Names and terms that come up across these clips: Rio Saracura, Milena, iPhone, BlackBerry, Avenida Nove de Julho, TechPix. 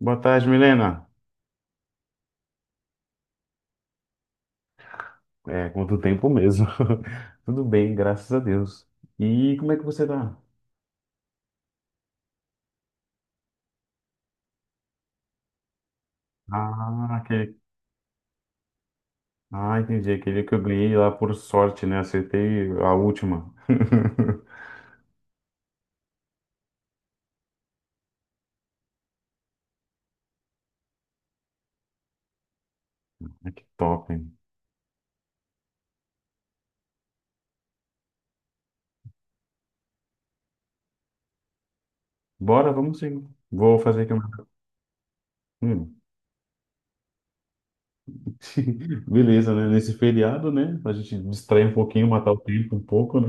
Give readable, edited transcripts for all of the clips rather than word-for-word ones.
Boa tarde, Milena. É, quanto tempo mesmo. Tudo bem, graças a Deus. E como é que você tá? Ah, aquele... ah, entendi. Aquele que eu ganhei lá por sorte, né? Acertei a última. Ah, que top, hein? Bora, vamos sim. Vou fazer aqui uma. Hum. Beleza, né? Nesse feriado, né? Pra gente distrair um pouquinho, matar o tempo um pouco, né?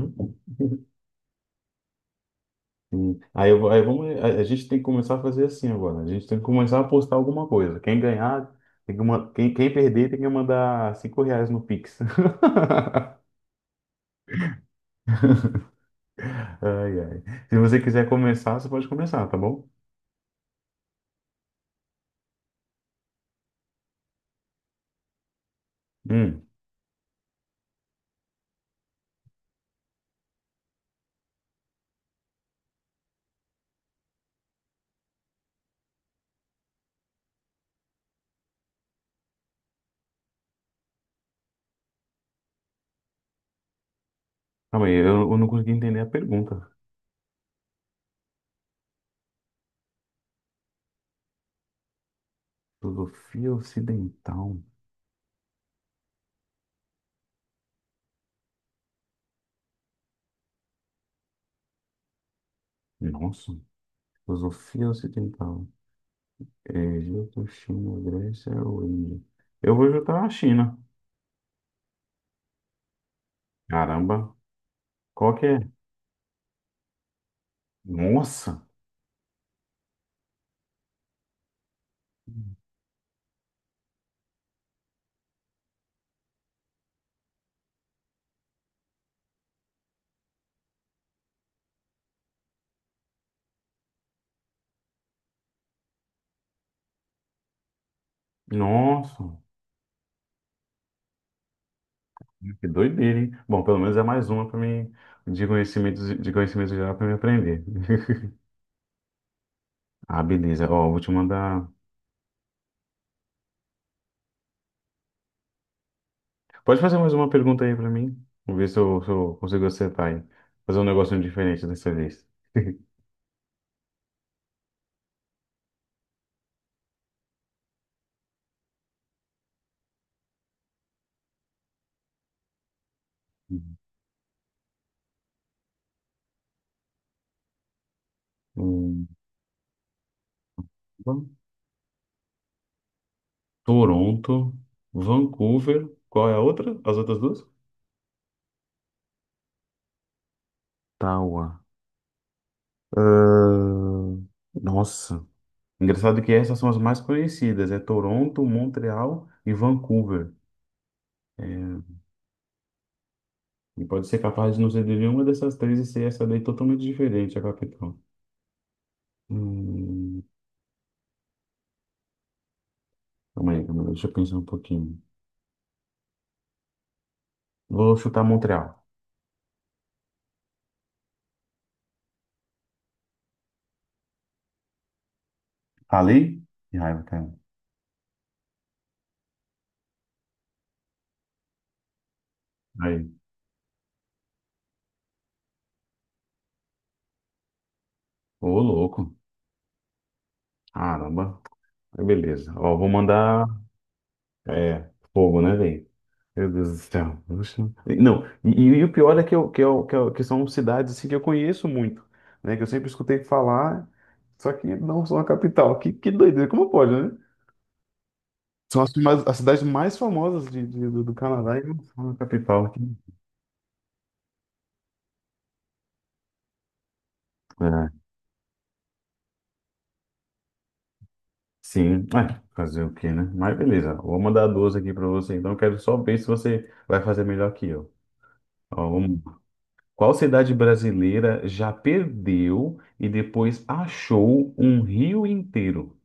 Aí, aí vamos, a gente tem que começar a fazer assim agora. A gente tem que começar a postar alguma coisa. Quem ganhar, quem perder tem que mandar R$ 5 no Pix. Ai, ai. Se você quiser começar, você pode começar, tá bom? Hum. Calma aí, eu não consegui entender a pergunta. Filosofia ocidental. Nossa, filosofia ocidental. É, Egito, China, Grécia ou Índia? Eu vou juntar a China. Caramba, qual que é? Nossa, nossa. Que doideira, hein? Bom, pelo menos é mais uma para mim de conhecimento geral para me aprender. Ah, beleza. Ó, vou te mandar. Pode fazer mais uma pergunta aí para mim? Vamos ver se eu consigo acertar aí. Fazer um negocinho diferente dessa vez. Hum, Van- Toronto, Vancouver. Qual é a outra? As outras duas? Ottawa. Ahn, Nossa. Engraçado que essas são as mais conhecidas. É Toronto, Montreal e Vancouver. É, e pode ser capaz de não ser de nenhuma dessas três e ser essa daí totalmente diferente, a capital. Hum, Calma aí, calma aí, deixa eu pensar um pouquinho. Vou chutar Montreal. Falei? Que raiva, cara. Aí. Ô, louco. Caramba. Aí, beleza. Ó, vou mandar. É, fogo, né, velho? Meu Deus do céu. Oxe. Não, e o pior é que são cidades assim, que eu conheço muito, né? Que eu sempre escutei falar, só que não são a capital. Que doideira, como pode, né? São as cidades mais famosas do Canadá e não são a capital aqui. É, sim, é, fazer o quê, né? Mas beleza, vou mandar duas aqui para você, então eu quero só ver se você vai fazer melhor que eu. Ó, vamos lá. Qual cidade brasileira já perdeu e depois achou um rio inteiro?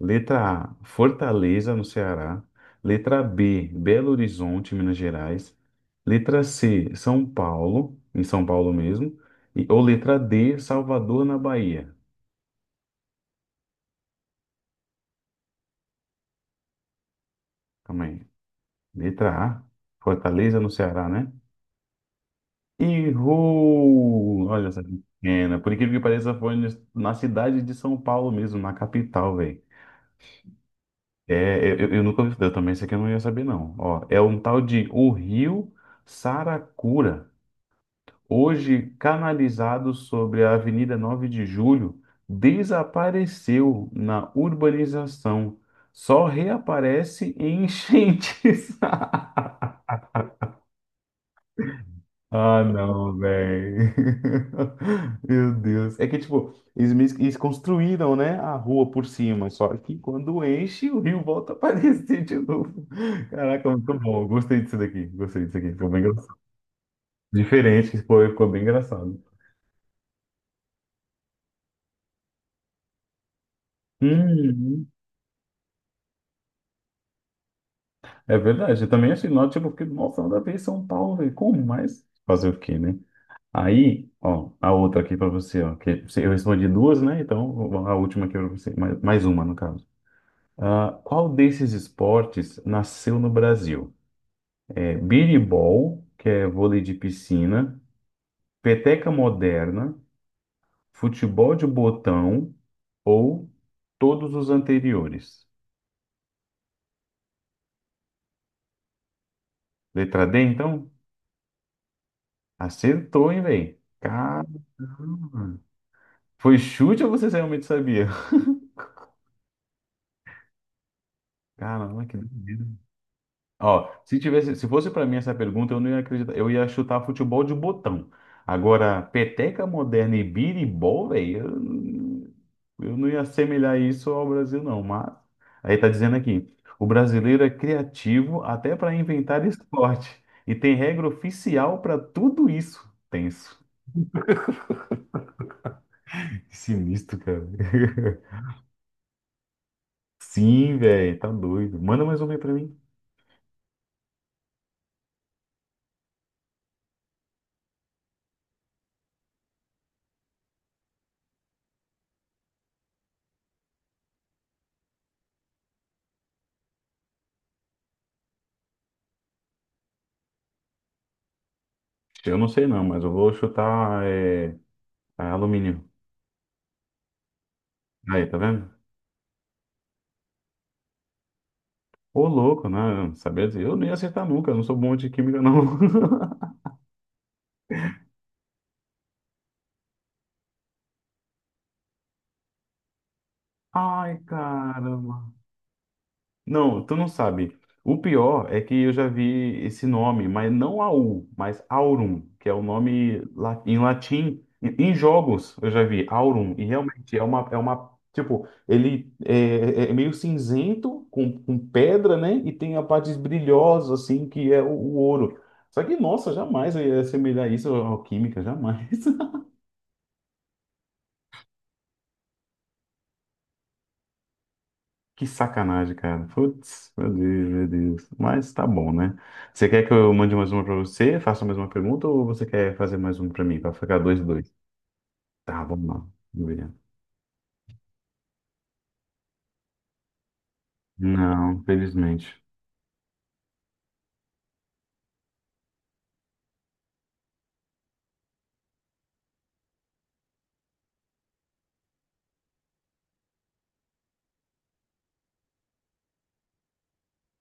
Letra A, Fortaleza, no Ceará. Letra B, Belo Horizonte, Minas Gerais. Letra C, São Paulo, em São Paulo mesmo. Ou letra D, Salvador, na Bahia. Calma aí. Letra A, Fortaleza, no Ceará, né? Errou! Olha essa pequena. Por incrível que pareça, foi na cidade de São Paulo mesmo, na capital, velho. É, eu nunca ouvi, eu também isso aqui eu não ia saber, não. Ó, é um tal de O Rio Saracura, hoje canalizado sobre a Avenida 9 de Julho, desapareceu na urbanização. Só reaparece em enchentes. Ah, não, velho. Meu Deus. É que, tipo, eles construíram, né, a rua por cima, só que quando enche, o rio volta a aparecer de novo. Caraca, muito bom. Gostei disso daqui. Gostei disso aqui. Ficou bem engraçado. Diferente, foi, ficou bem engraçado. Uhum. É verdade, eu também achei nó, tipo, porque, nossa, nada a ver São Paulo, velho, como mais? Fazer o quê, né? Aí, ó, a outra aqui pra você, ó, eu respondi duas, né? Então, a última aqui pra você, mais uma, no caso. Ah, qual desses esportes nasceu no Brasil? É biribol, que é vôlei de piscina, peteca moderna, futebol de botão ou todos os anteriores? Letra D, então? Acertou, hein, velho? Caramba! Foi chute ou você realmente sabia? Caramba, que doideira. Ó, se fosse pra mim essa pergunta, eu não ia acreditar. Eu ia chutar futebol de botão. Agora, peteca moderna e biribol, velho, eu não ia assemelhar isso ao Brasil, não. Mas aí tá dizendo aqui, o brasileiro é criativo até pra inventar esporte e tem regra oficial pra tudo isso. Tenso. Que sinistro, cara. Sim, velho, tá doido. Manda mais uma aí pra mim. Eu não sei não, mas eu vou chutar alumínio. Aí, tá vendo? Ô, louco, né? Sabia dizer, eu nem ia acertar nunca, eu não sou bom de química, não. Ai, cara. Não, tu não sabe. O pior é que eu já vi esse nome, mas não Aul, mas Aurum, que é o nome em latim. Em jogos eu já vi Aurum, e realmente é uma tipo, ele é, é meio cinzento, com pedra, né? E tem a parte brilhosa, assim, que é o ouro. Só que, nossa, jamais eu ia assemelhar isso à alquímica, jamais. Que sacanagem, cara. Putz, meu Deus, meu Deus. Mas tá bom, né? Você quer que eu mande mais uma pra você, faça mais uma pergunta, ou você quer fazer mais uma pra mim, pra ficar dois e dois? Tá, vamos lá. Vamos ver. Não, infelizmente.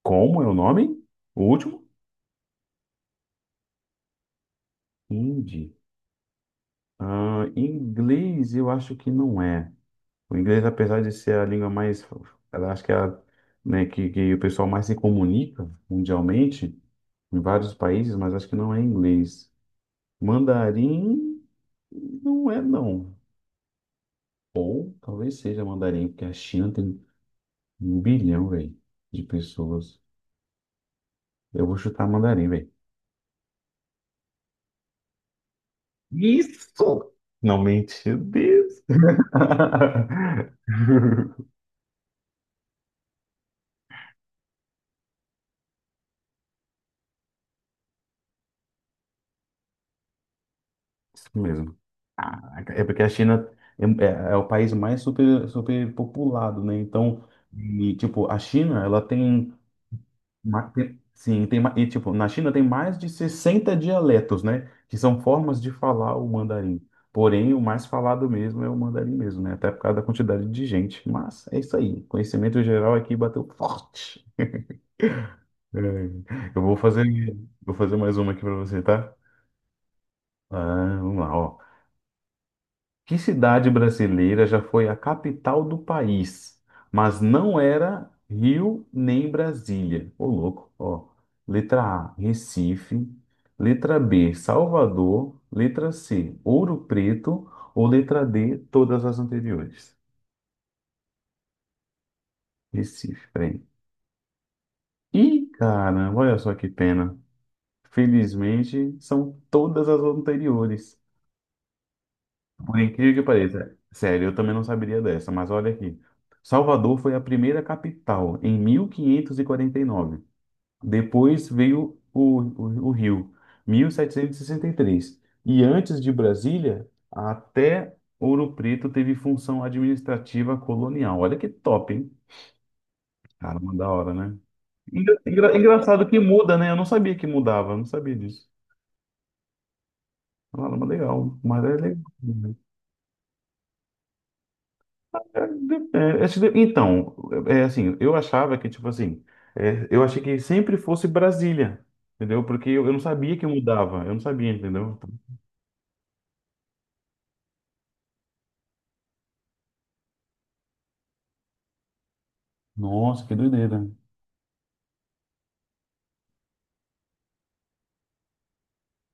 Como é o nome? O último? Hindi. Ah, inglês, eu acho que não é. O inglês, apesar de ser a língua mais, ela acho que é a, né, que o pessoal mais se comunica mundialmente em vários países, mas acho que não é inglês. Mandarim. Não é, não. Ou talvez seja mandarim, porque a China tem um bilhão, velho, de pessoas. Eu vou chutar mandarim, velho. Isso! Não mente, Deus. Isso mesmo. Caraca, é porque a China é o país mais superpopulado, né? Então, e, tipo, a China, ela tem sim, tem, tipo, na China tem mais de 60 dialetos, né? Que são formas de falar o mandarim. Porém, o mais falado mesmo é o mandarim mesmo, né? Até por causa da quantidade de gente. Mas é isso aí. Conhecimento geral aqui bateu forte. É, Eu vou fazer mais uma aqui para você, tá? Ah, vamos lá, ó. Que cidade brasileira já foi a capital do país, mas não era Rio nem Brasília? Ô, louco, ó. Letra A, Recife. Letra B, Salvador. Letra C, Ouro Preto. Ou letra D, todas as anteriores. Recife, peraí. Ih, caramba, olha só que pena. Felizmente, são todas as anteriores. Por incrível que pareça, sério, eu também não saberia dessa, mas olha aqui. Salvador foi a primeira capital em 1549. Depois veio o Rio, 1763. E 63. E antes de Brasília, até Ouro Preto teve função administrativa colonial. Olha que top, hein? Caramba, da hora, né? Engraçado que muda, né? Eu não sabia que mudava, eu não sabia disso. Caramba, legal, mas é legal. Então, é assim, eu achava que, tipo assim, eu achei que sempre fosse Brasília, entendeu? Porque eu não sabia que mudava, eu não sabia, entendeu? Então, nossa, que doideira.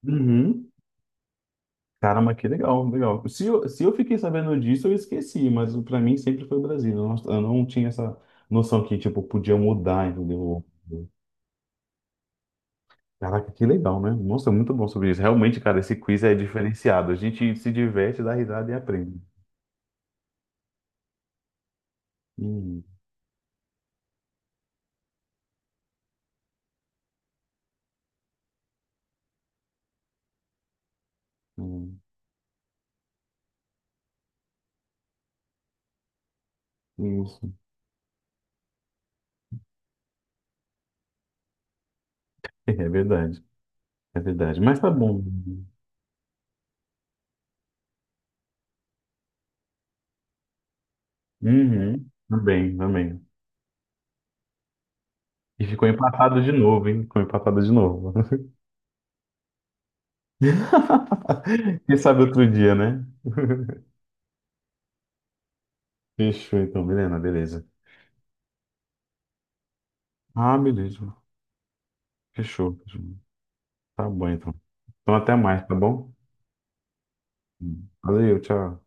Uhum. Caramba, que legal, legal. Se eu fiquei sabendo disso, eu esqueci, mas pra mim sempre foi Brasília. Eu não tinha essa noção que, tipo, podia mudar, entendeu? Caraca, que legal, né? Nossa, muito bom sobre isso. Realmente, cara, esse quiz é diferenciado. A gente se diverte, dá risada e aprende. Hum, hum, hum. É verdade, é verdade. Mas tá bom. Uhum, também, também. E ficou empatado de novo, hein? Ficou empatado de novo. Quem sabe outro dia, né? Fechou então, Milena, beleza. Ah, beleza. Fechou. Fechou. Tá bom então. Então até mais, tá bom? Valeu, tchau.